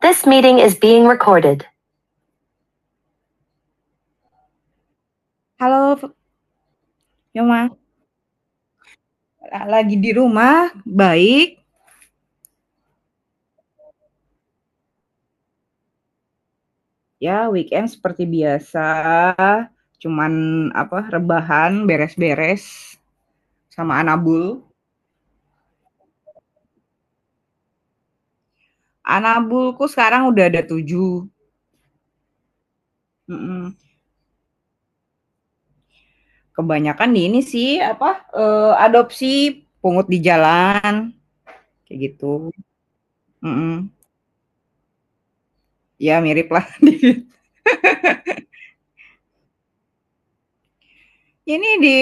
This meeting is being recorded. Halo, Yoma. Lagi di rumah, baik. Ya, weekend seperti biasa. Cuman apa rebahan, beres-beres sama Anabul. Anabulku sekarang udah ada tujuh. Mm-mm. Kebanyakan di ini sih apa adopsi pungut di jalan kayak gitu. Mm-mm. Ya mirip lah. Ini di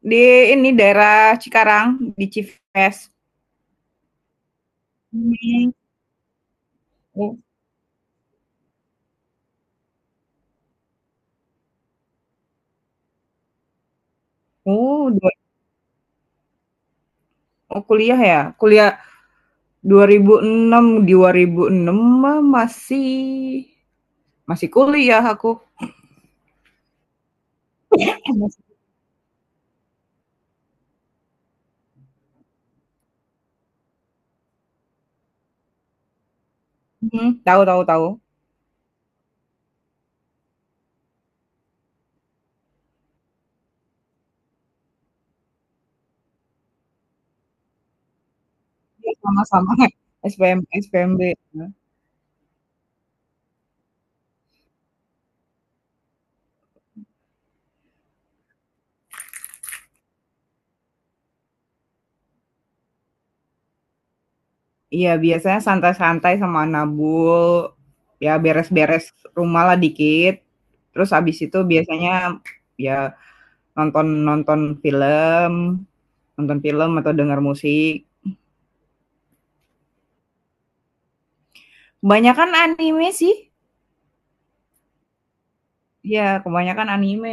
di ini daerah Cikarang di Cives. Mm. Oh dua oh kuliah ya? Kuliah 2006 mah masih masih kuliah aku. Mhm. Tahu, tahu, tahu. Iya, sama-sama. SPMB, heeh. Iya, biasanya santai-santai sama nabul, ya beres-beres rumah lah dikit, terus habis itu biasanya ya nonton nonton film atau denger musik. Kebanyakan anime sih. Iya, kebanyakan anime.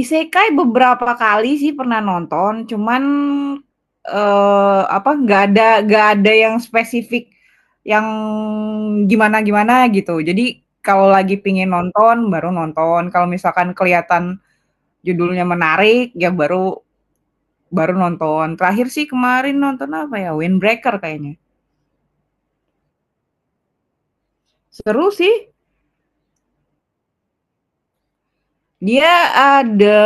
Isekai beberapa kali sih pernah nonton, cuman, apa, nggak ada yang spesifik yang gimana-gimana gitu. Jadi kalau lagi pingin nonton, baru nonton, kalau misalkan kelihatan judulnya menarik, ya baru baru nonton. Terakhir sih kemarin nonton apa ya, Windbreaker kayaknya. Seru sih. Dia ada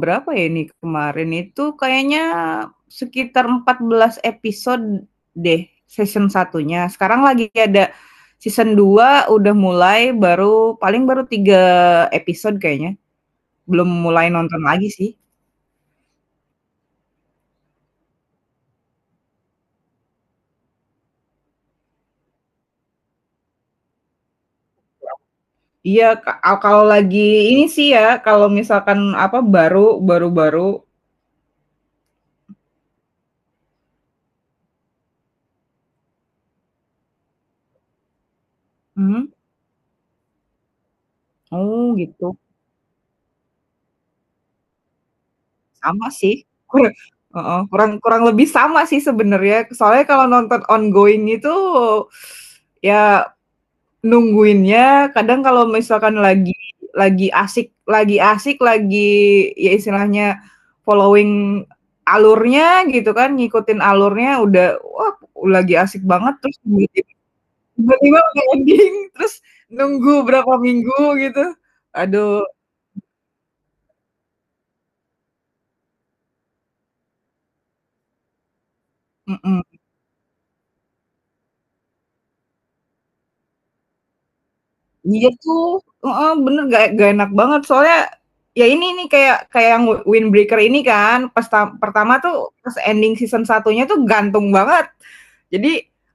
berapa ya ini, kemarin itu kayaknya sekitar 14 episode deh season satunya. Sekarang lagi ada season 2 udah mulai baru paling baru 3 episode kayaknya, belum mulai nonton lagi sih. Iya, kalau lagi ini sih ya, kalau misalkan, apa, baru baru baru Mhm. Oh, gitu. Sama sih. Kur heeh, kurang kurang lebih sama sih sebenarnya, soalnya kalau nonton ongoing itu, ya nungguinnya kadang kalau misalkan lagi asik, lagi ya istilahnya following alurnya gitu kan, ngikutin alurnya udah, wah lagi asik banget terus tiba-tiba udah ending, terus nunggu berapa minggu gitu, aduh. Mhm. Iya tuh. Heeh, bener, nggak enak banget soalnya, ya ini nih kayak kayak yang Windbreaker ini kan pas pertama tuh pas ending season satunya tuh gantung banget. Jadi,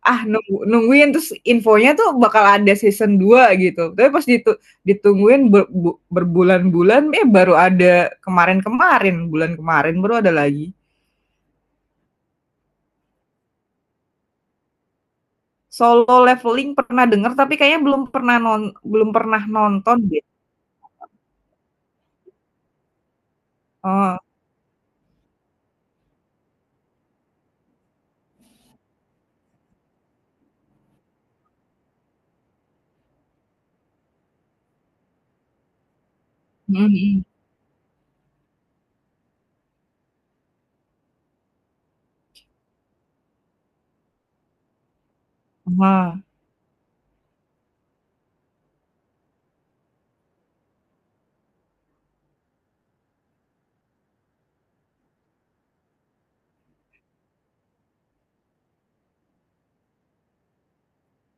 nungguin terus infonya tuh bakal ada season 2 gitu, tapi pas ditungguin berbulan-bulan, baru ada kemarin-kemarin, bulan kemarin baru ada lagi. Solo Leveling pernah denger tapi kayaknya belum pernah nonton deh. Heeh. Mhm, mhm. Heeh.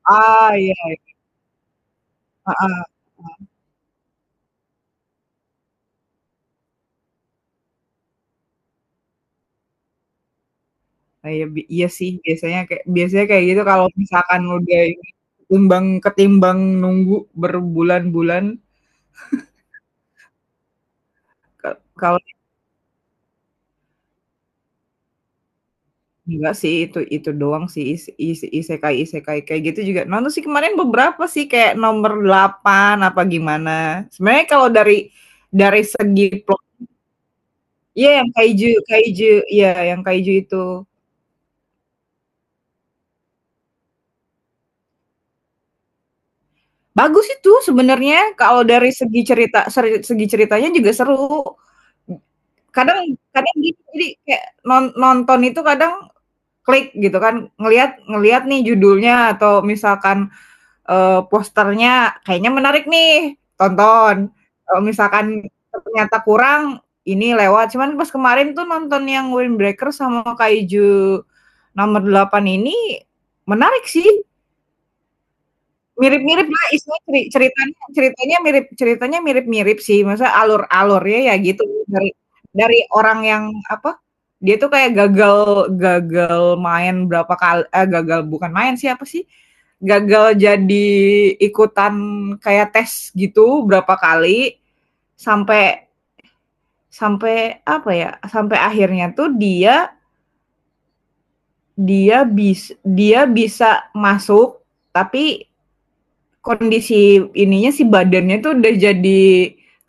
Ah, iya. Heeh, iya sih biasanya kayak gitu kalau misalkan udah ini, ketimbang ketimbang nunggu berbulan-bulan. Ke kalau enggak sih itu doang sih is is isekai-isekai kayak gitu juga nonton sih kemarin beberapa sih kayak nomor 8 apa gimana. Sebenarnya kalau dari segi plot iya yang Kaiju Kaiju, iya yang Kaiju itu. Bagus itu sebenarnya kalau dari segi ceritanya juga seru. Kadang kadang gitu, jadi kayak nonton itu kadang klik gitu kan, ngelihat ngelihat nih judulnya atau misalkan, posternya kayaknya menarik nih, tonton. Kalau misalkan ternyata kurang, ini lewat. Cuman pas kemarin tuh nonton yang Windbreaker sama Kaiju Nomor 8 ini menarik sih. Mirip-mirip lah isinya. Ceritanya ceritanya mirip ceritanya mirip-mirip sih, maksudnya alur-alurnya ya gitu dari orang yang apa, dia tuh kayak gagal gagal main berapa kali, eh, gagal bukan main sih, apa sih, gagal jadi ikutan kayak tes gitu berapa kali, sampai sampai apa ya, sampai akhirnya tuh dia dia bis dia bisa masuk, tapi kondisi ininya sih badannya tuh udah jadi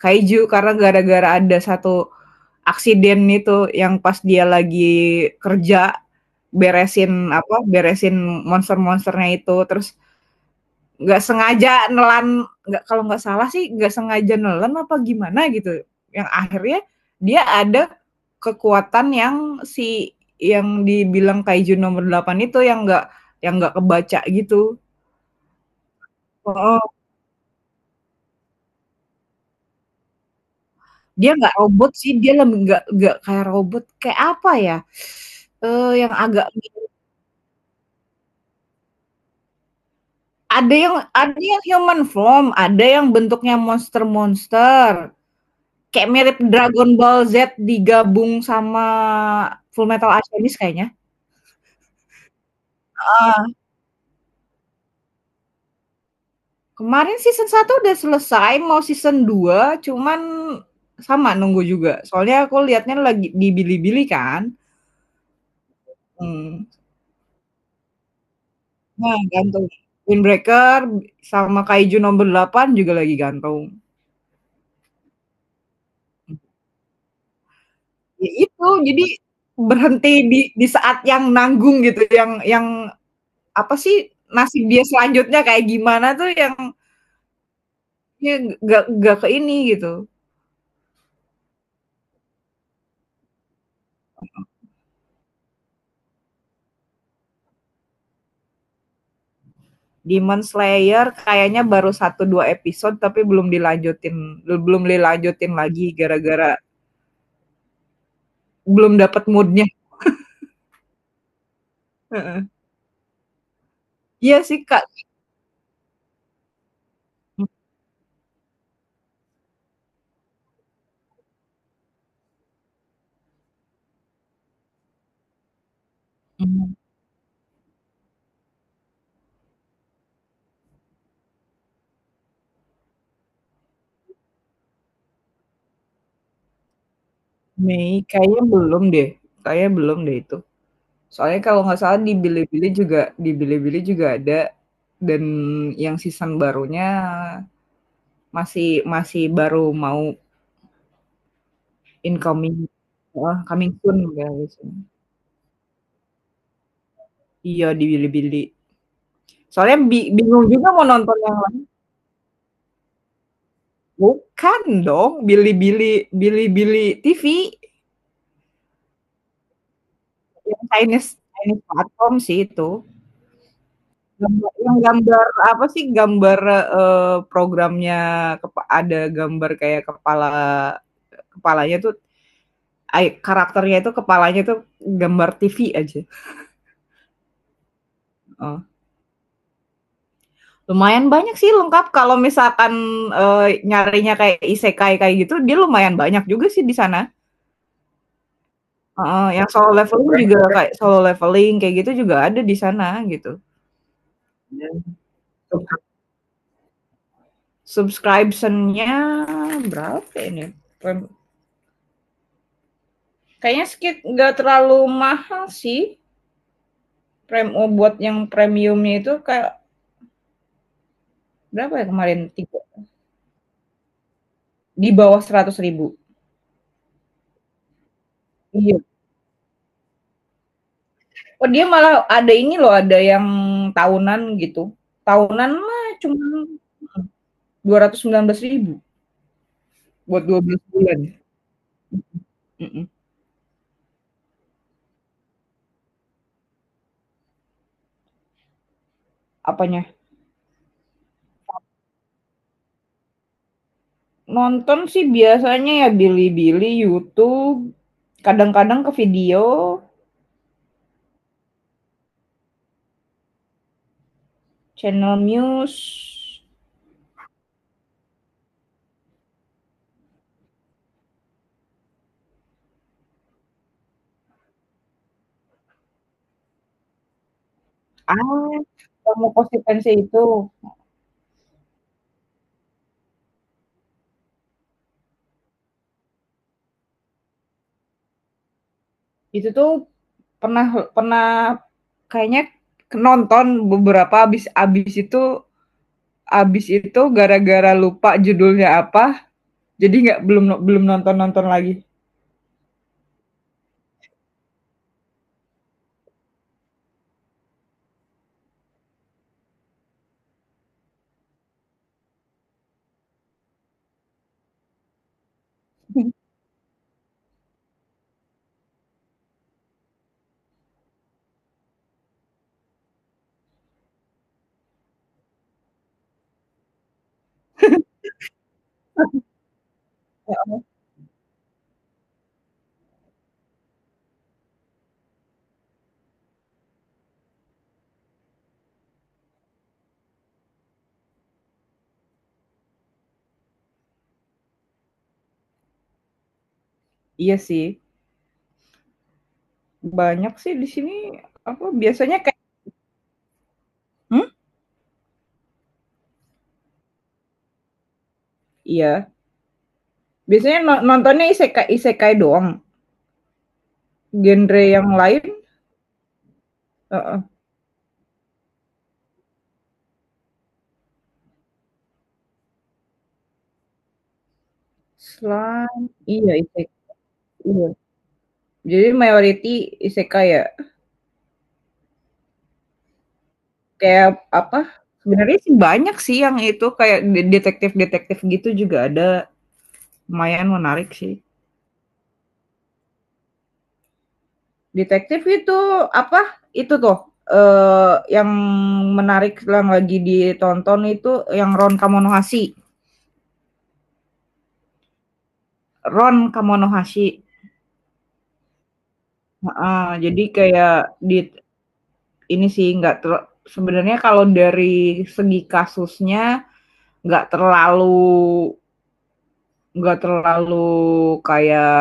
kaiju karena gara-gara ada satu aksiden itu yang pas dia lagi kerja beresin monster-monsternya itu terus nggak sengaja nelan, nggak, kalau nggak salah sih nggak sengaja nelan apa gimana gitu, yang akhirnya dia ada kekuatan yang si yang dibilang kaiju nomor 8 itu yang nggak kebaca gitu. Heeh. Dia nggak robot sih, dia lem nggak kayak robot, kayak apa ya, yang agak mi ada yang human form, ada yang bentuknya monster-monster, kayak mirip Dragon Ball Z digabung sama Fullmetal Alchemist kayaknya. Kemarin season 1 udah selesai, mau season 2, cuman sama nunggu juga, soalnya aku lihatnya lagi di Bilibili kan. mmm, nah gantung. Windbreaker sama Kaiju Nomor delapan juga lagi gantung. Ya itu, jadi berhenti di saat yang nanggung gitu, yang apa sih, nasib dia selanjutnya kayak gimana tuh yang nggak ke ini gitu. Demon Slayer kayaknya baru satu 2 episode tapi belum dilanjutin lagi gara-gara belum dapet moodnya. Iya sih, Kak. Mhm. Mei kayaknya belum deh itu. Soalnya kalau nggak salah di Bilibili juga ada dan yang season barunya Masih masih baru mau incoming. Heeh, coming soon katanya gitu. Iya di Bilibili. Soalnya bingung juga mau nonton yang bukan dong, Bilibili Bilibili TV yang Chinese Chinese platform sih itu. Gambar yang gambar apa sih, gambar, eee, programnya ada gambar kayak kepalanya tuh, karakternya itu kepalanya tuh gambar TV aja. Heeh. Lumayan banyak sih lengkap kalau misalkan, nyarinya kayak isekai kayak gitu, dia lumayan banyak juga sih di sana. Heeh, yang solo leveling juga kayak solo leveling kayak gitu juga ada di sana gitu. Iya. Subscription-nya berapa ini? Prem kayaknya skit Nggak terlalu mahal sih, prem buat yang premiumnya itu kayak berapa ya kemarin, di bawah 100 ribu. Iya. Oh, dia malah ada ini loh, ada yang tahunan gitu. Tahunan mah cuma 219 ribu buat 12 bulan. Mhm. Apanya? Nonton sih biasanya ya Bilibili, YouTube, kadang-kadang ke video. Channel news yang Mukosequensi itu. Itu tuh pernah pernah kayaknya nonton beberapa abis abis itu gara-gara lupa judulnya apa, jadi nggak belum belum nonton-nonton lagi. Iya sih, banyak sih di sini, apa, biasanya kayak mhm? Iya. Biasanya no nontonnya isekai isekai doang, genre yang lain. Heeh. Slime, iya, isekai, iya. Jadi mayoriti isekai ya, kayak apa, sebenarnya sih banyak sih yang itu kayak detektif-detektif gitu juga ada, lumayan menarik sih. Detektif itu apa, itu tuh, yang menarik yang lagi ditonton itu yang Ron Kamonohashi. Ron Kamonohashi. Heeh, jadi kayak di ini sih nggak ter sebenarnya kalau dari segi kasusnya nggak terlalu nggak terlalu kayak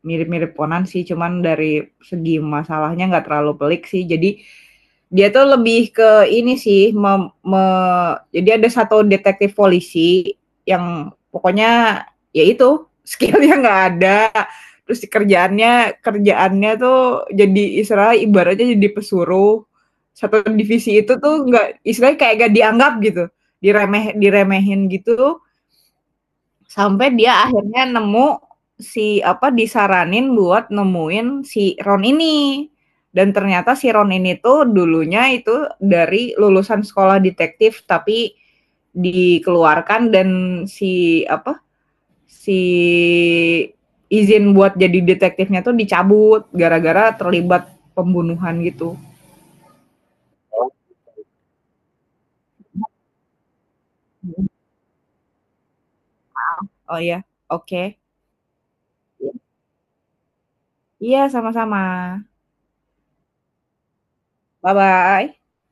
mirip-mirip Conan sih, cuman dari segi masalahnya nggak terlalu pelik sih. Jadi dia tuh lebih ke ini sih, jadi ada satu detektif polisi yang pokoknya ya itu skillnya nggak ada, terus kerjaannya kerjaannya tuh jadi Israel ibaratnya jadi pesuruh satu divisi itu tuh nggak istilahnya kayak gak dianggap gitu, diremehin gitu. Sampai dia akhirnya nemu si apa, disaranin buat nemuin si Ron ini. Dan ternyata si Ron ini tuh dulunya itu dari lulusan sekolah detektif tapi dikeluarkan dan si apa, si izin buat jadi detektifnya tuh dicabut gara-gara terlibat pembunuhan gitu. Oh, iya, oke. Iya, sama-sama. Bye-bye.